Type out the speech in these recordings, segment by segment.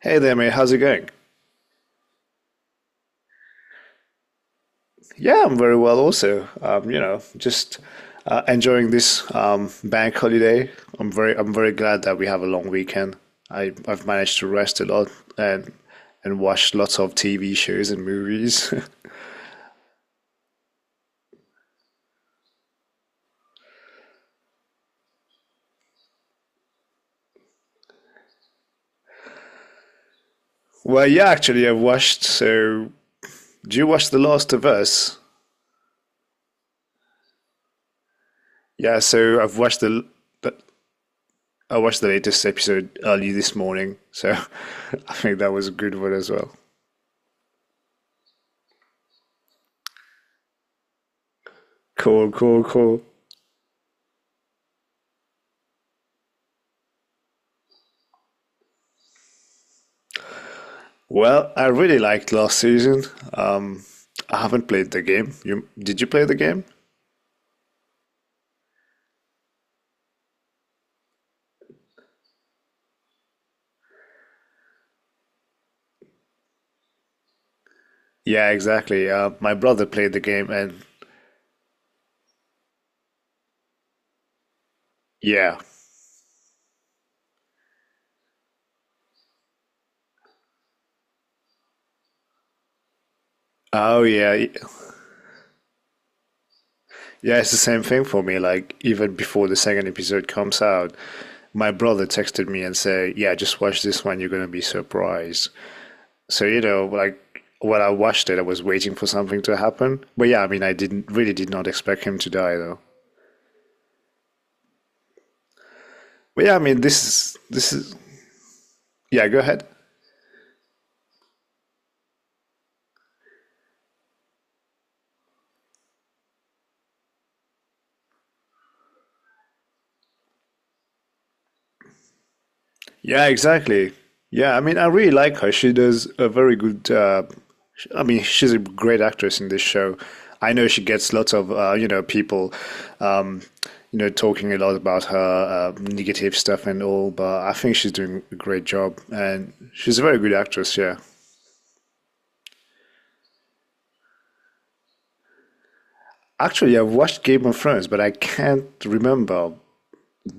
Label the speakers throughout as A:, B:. A: Hey there, mate. How's it going? Yeah, I'm very well also. Just enjoying this bank holiday. I'm very glad that we have a long weekend. I've managed to rest a lot and watch lots of TV shows and movies. Well, yeah, actually, I've watched. So, do you watch The Last of Us? Yeah, so the- I watched the latest episode early this morning. So, I think that was a good one as well. Cool, cool, cool. Well, I really liked last season. Um, I haven't played the game. You Did you play the game? Yeah, exactly. My brother played the game, and yeah. Oh yeah, y- yeah. It's the same thing for me. Like even before the second episode comes out, my brother texted me and said, "Yeah, just watch this one. You're gonna be surprised." So you know, like when I watched it, I was waiting for something to happen. But yeah, I mean, I didn't really did not expect him to die though. But yeah, I mean, this is yeah. Go ahead. Yeah, exactly. Yeah, I mean, I really like her. She does a very good. I mean, she's a great actress in this show. I know she gets lots of people, um, talking a lot about her negative stuff and all, but I think she's doing a great job, and she's a very good actress. Yeah. Actually, I've watched Game of Thrones, but I can't remember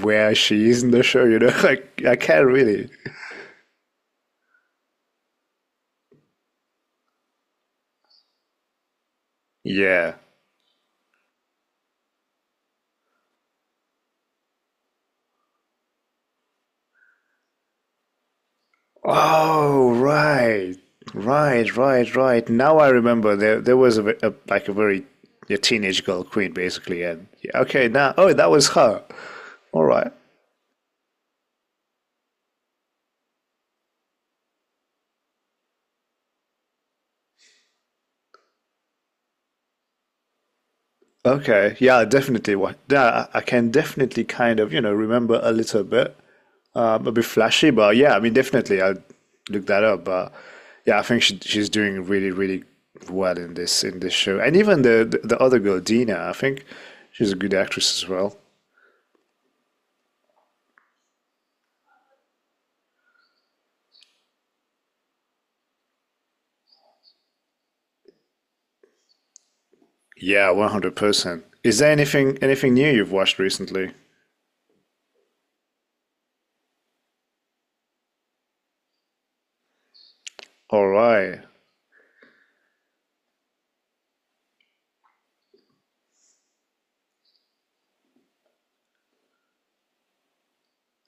A: where she is in the show. You know, like I can't really. Yeah. Oh, right. Right, right, right. Now I remember there was a, a like a very a teenage girl queen basically and yeah, okay, now oh, that was her. All right. Okay. Yeah, definitely what. Yeah, I can definitely kind of, you know, remember a little bit. A bit flashy, but yeah, I mean definitely I'll look that up, but yeah, I think she's doing really well in this show. And even the other girl, Dina, I think she's a good actress as well. Yeah, 100%. Is there anything new you've watched recently? All right.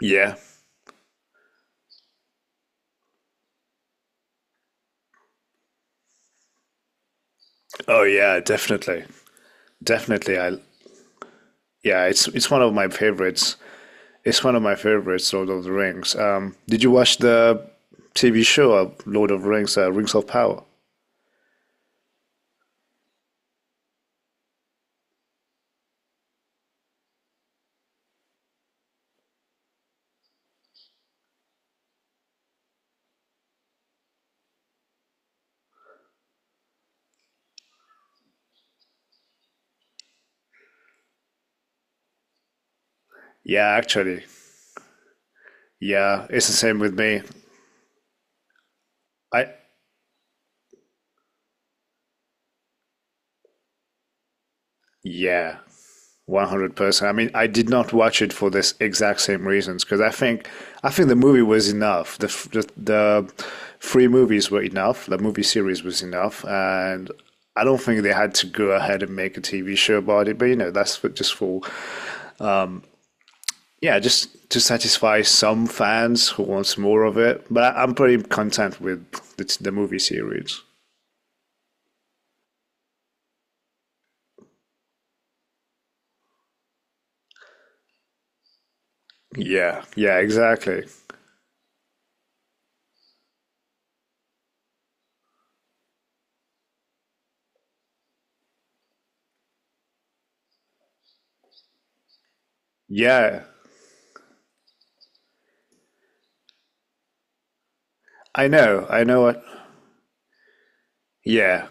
A: Yeah. Oh yeah, definitely. Definitely I yeah, it's one of my favorites. It's one of my favorites, Lord of the Rings. Did you watch the TV show Lord of the Rings, Rings of Power? Yeah, actually. Yeah, it's the same with me. I yeah. 100%. I mean, I did not watch it for this exact same reasons because I think the movie was enough. The three movies were enough. The movie series was enough, and I don't think they had to go ahead and make a TV show about it. But you know, that's just for yeah, just to satisfy some fans who wants more of it. But I'm pretty content with the movie series. Yeah, yeah, exactly. Yeah, I know what. Yeah,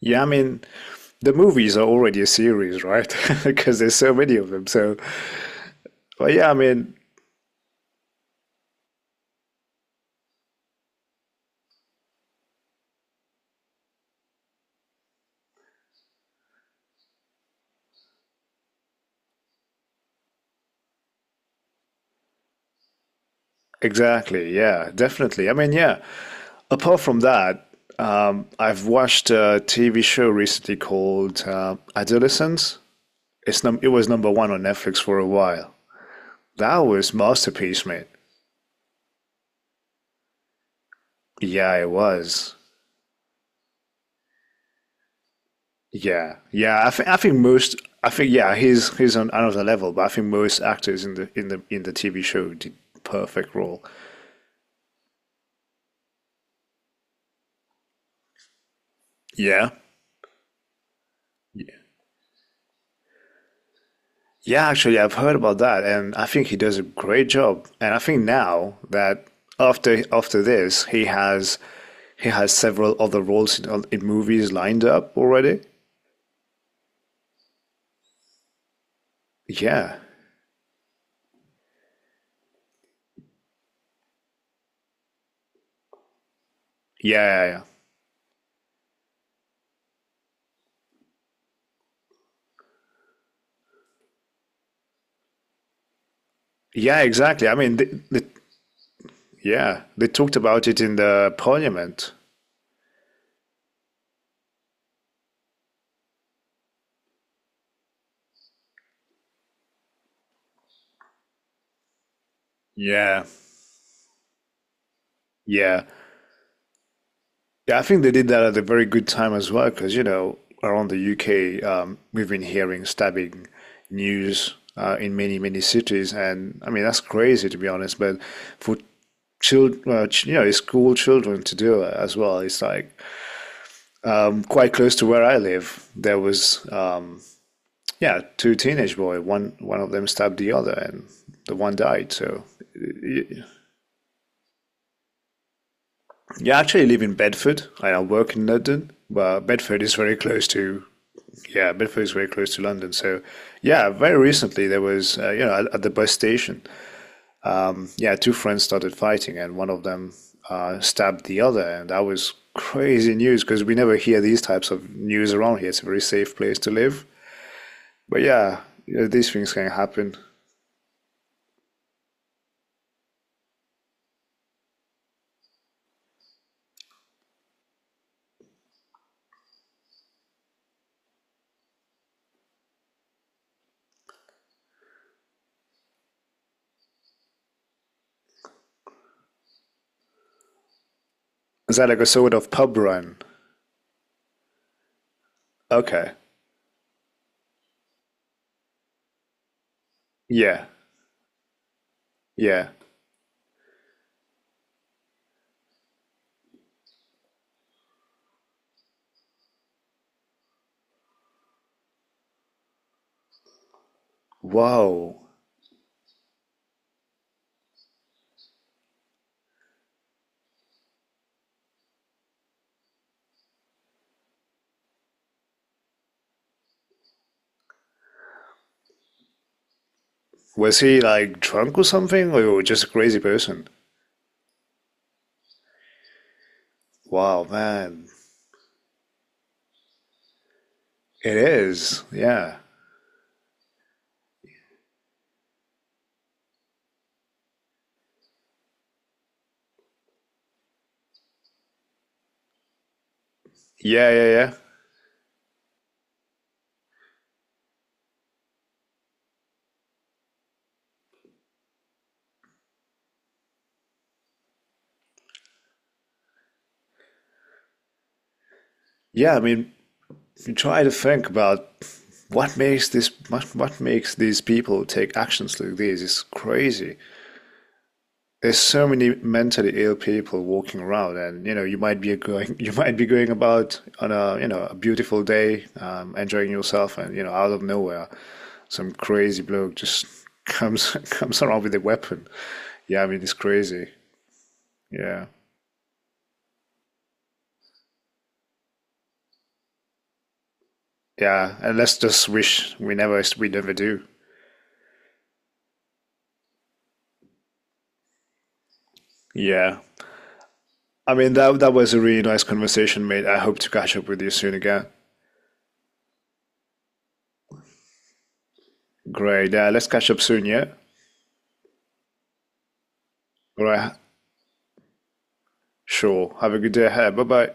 A: yeah, I mean, the movies are already a series, right? Because there's so many of them. So, but yeah, I mean, exactly. Yeah, definitely. I mean, yeah. Apart from that, I've watched a TV show recently called Adolescence. It was number one on Netflix for a while. That was masterpiece, mate. Yeah, it was. Yeah, yeah. I think most. I think yeah, he's on another level, but I think most actors in the TV show did perfect role. Yeah. Yeah, actually, I've heard about that, and I think he does a great job. And I think now that after this, he has several other roles in movies lined up already. Yeah, yeah, yeah, yeah. Yeah, exactly. I mean, yeah, they talked about it in the parliament. Yeah, yeah. Yeah, I think they did that at a very good time as well, because you know, around the UK, we've been hearing stabbing news in many, many cities, and I mean that's crazy to be honest. But for children, you know, school children to do it as well, it's like quite close to where I live. There was, yeah, two teenage boy. One of them stabbed the other, and the one died. So, yeah, I actually live in Bedford. I work in London, but Bedford is very close to, yeah, Bedford is very close to London. So, yeah, very recently there was, you know, at the bus station, yeah, two friends started fighting, and one of them stabbed the other, and that was crazy news because we never hear these types of news around here. It's a very safe place to live, but yeah, you know, these things can happen. Is that like a sort of pub run? Okay, yeah, yeah. Wow. Was he like drunk or something, or just a crazy person? Wow, man. It is. Yeah. Yeah, yeah, yeah. Yeah, I mean, you try to think about what makes these people take actions like this. It's crazy. There's so many mentally ill people walking around, and you know, you might be going you might be going about on a, you know, a beautiful day, enjoying yourself, and you know, out of nowhere some crazy bloke just comes comes around with a weapon. Yeah, I mean, it's crazy. Yeah. Yeah, and let's just wish we never do. Yeah, I mean, that was a really nice conversation, mate. I hope to catch up with you soon again. Great. Yeah, let's catch up soon. Yeah, all right. Sure, have a good day ahead. Bye bye.